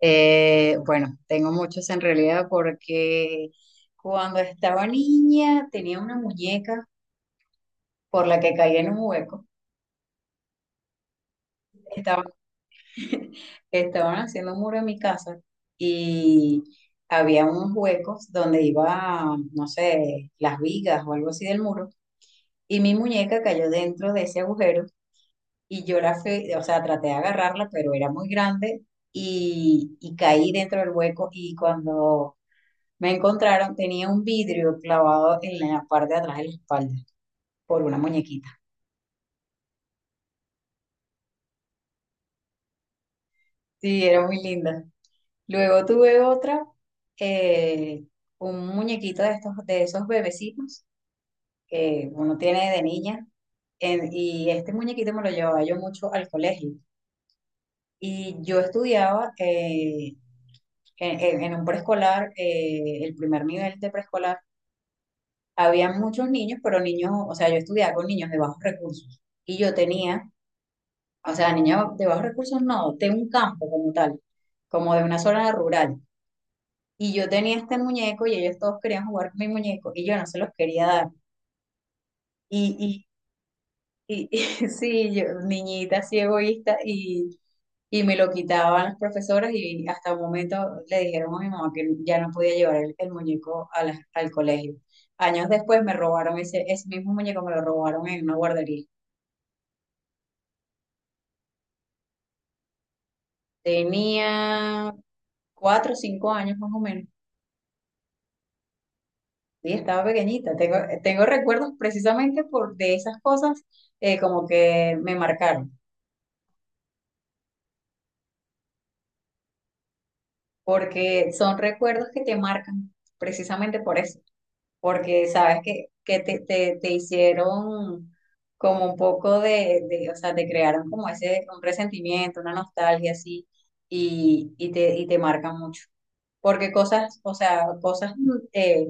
Bueno, tengo muchos en realidad porque cuando estaba niña tenía una muñeca por la que caí en un hueco. Estaba Estaban haciendo un muro en mi casa y había unos huecos donde iba, no sé, las vigas o algo así del muro y mi muñeca cayó dentro de ese agujero y yo la fui, o sea, traté de agarrarla, pero era muy grande y caí dentro del hueco y cuando me encontraron, tenía un vidrio clavado en la parte de atrás de la espalda por una muñequita. Sí, era muy linda. Luego tuve otra, eh, un muñequito de estos, de esos bebecitos que uno tiene de niña. Y este muñequito me lo llevaba yo mucho al colegio. Y yo estudiaba en un preescolar, el primer nivel de preescolar. Había muchos niños, pero niños, o sea, yo estudiaba con niños de bajos recursos. Y yo tenía, o sea, niña de bajos recursos no, de un campo como tal, como de una zona rural. Y yo tenía este muñeco y ellos todos querían jugar con mi muñeco y yo no se los quería dar. Y, y, y, y sí, yo, niñita así egoísta y me lo quitaban las profesoras y hasta un momento le dijeron a mi mamá que ya no podía llevar el muñeco a al colegio. Años después me robaron ese mismo muñeco, me lo robaron en una guardería. Tenía 4 o 5 años más o menos. Sí, estaba pequeñita. Tengo recuerdos precisamente por de esas cosas, como que me marcaron, porque son recuerdos que te marcan precisamente por eso, porque sabes que te hicieron como un poco o sea, te crearon como ese, un resentimiento, una nostalgia así, y te marcan mucho. Porque cosas, o sea, cosas,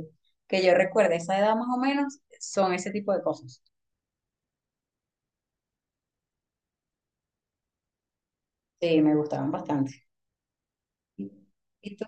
que yo recuerdo a esa edad más o menos son ese tipo de cosas. Sí, me gustaban bastante. ¿Y tú?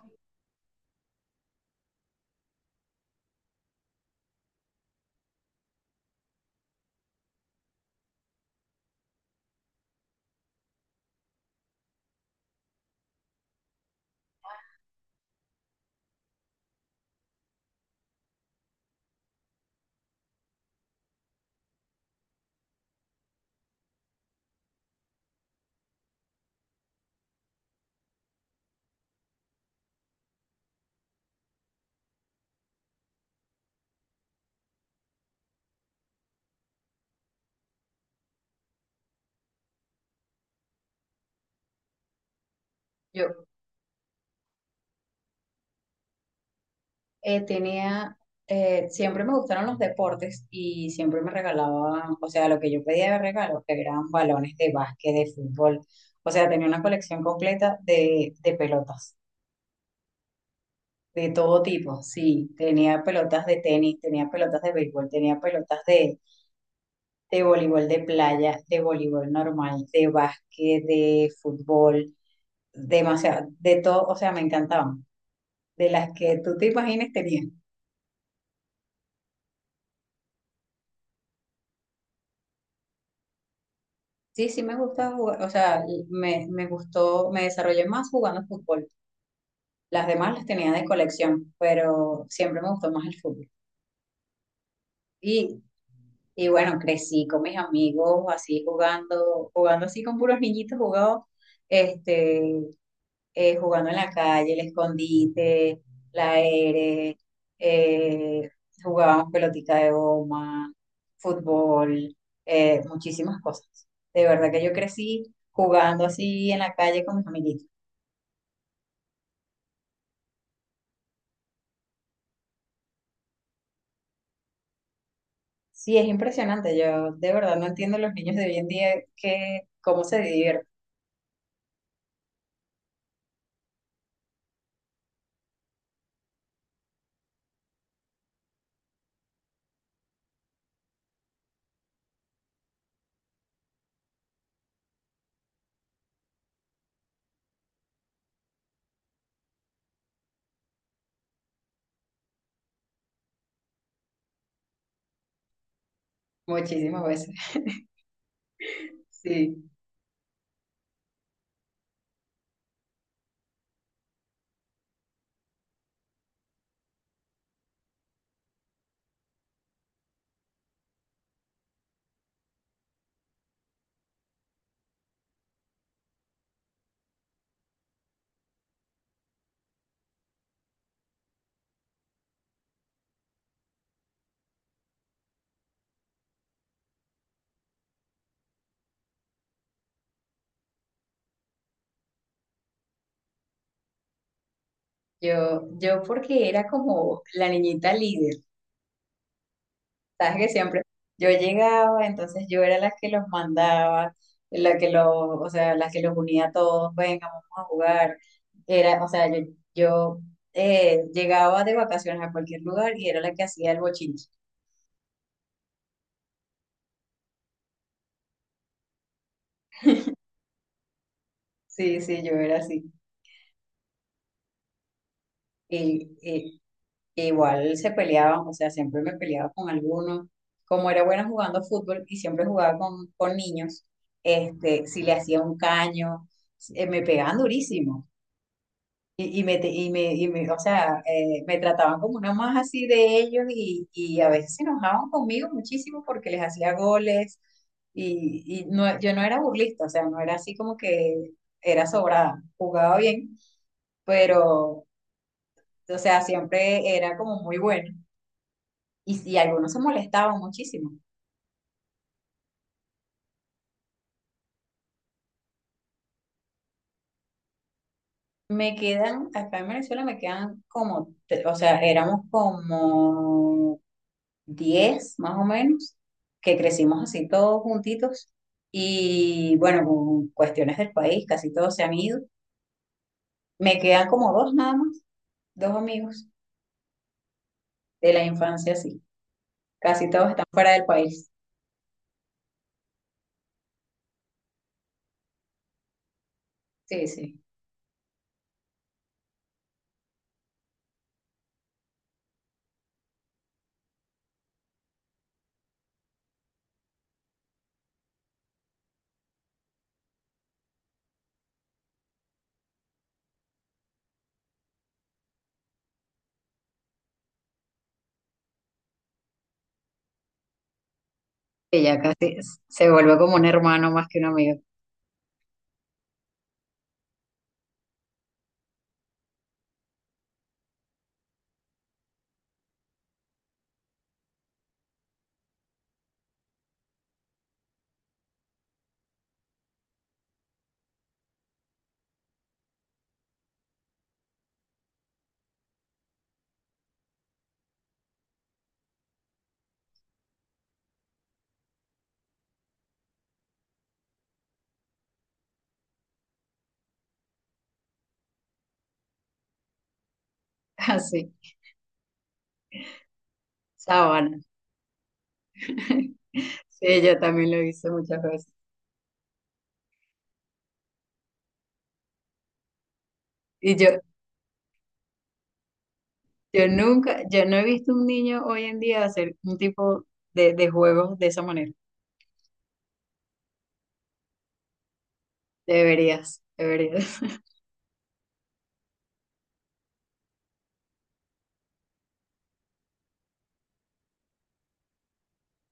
Yo, tenía, siempre me gustaron los deportes y siempre me regalaban, o sea, lo que yo pedía de regalo, que eran balones de básquet, de fútbol, o sea, tenía una colección completa de pelotas, de todo tipo, sí, tenía pelotas de tenis, tenía pelotas de béisbol, tenía pelotas de voleibol de playa, de voleibol normal, de básquet, de fútbol, demasiado, de todo, o sea, me encantaban, de las que tú te imagines tenía. Sí, sí me gusta jugar, o sea, me gustó, me desarrollé más jugando fútbol. Las demás las tenía de colección, pero siempre me gustó más el fútbol. Y, y bueno, crecí con mis amigos así jugando, jugando así con puros niñitos, jugaba. Este, jugando en la calle, el escondite, la aire, eh, jugábamos pelotita de goma, fútbol, muchísimas cosas. De verdad que yo crecí jugando así en la calle con mis amiguitos. Sí, es impresionante. Yo de verdad no entiendo los niños de hoy en día que cómo se divierten muchísimas veces. Sí, yo porque era como la niñita líder. Sabes que siempre yo llegaba, entonces yo era la que los mandaba, la que los, o sea, la que los unía a todos, venga, vamos a jugar. Era, o sea, yo llegaba de vacaciones a cualquier lugar y era la que hacía el bochinche. Sí, sí, yo era así. Y, y- igual se peleaban, o sea, siempre me peleaba con alguno. Como era buena jugando fútbol y siempre jugaba con niños, este, si le hacía un caño, me pegaban durísimo. Y me, te- y me- O sea, me trataban como una más así de ellos y a veces se enojaban conmigo muchísimo porque les hacía goles y no, yo no era burlista, o sea, no era así como que era sobrada, jugaba bien, pero, o sea, siempre era como muy bueno y algunos se molestaban muchísimo. Me quedan, acá en Venezuela me quedan como, o sea, éramos como 10 más o menos, que crecimos así todos juntitos. Y bueno, con cuestiones del país, casi todos se han ido. Me quedan como dos nada más, dos amigos de la infancia, sí. Casi todos están fuera del país. Sí, sí. Que ya casi se vuelve como un hermano más que un amigo. Así, sabana. Sí, yo también lo hice muchas veces. Y yo nunca, yo no he visto un niño hoy en día hacer un tipo de juegos de esa manera. Deberías, deberías.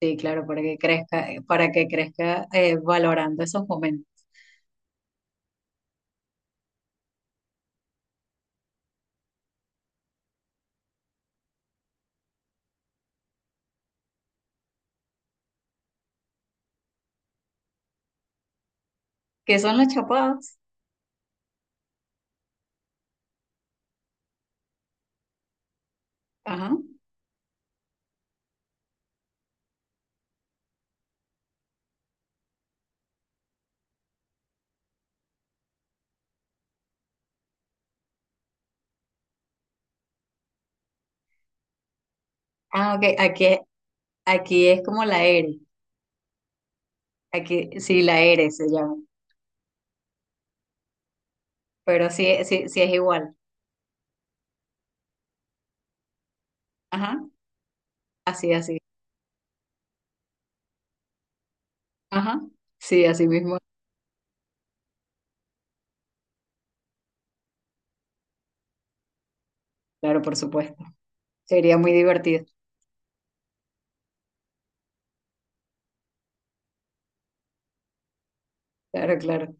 Sí, claro, para que crezca, para que crezca, valorando esos momentos. ¿Qué son las chapadas? Ajá. Ah, ok, aquí es como la ERE. Aquí sí, la ERE se llama. Pero sí, sí, sí es igual. Ajá, así, así. Ajá, sí, así mismo. Claro, por supuesto. Sería muy divertido. Claro, claro.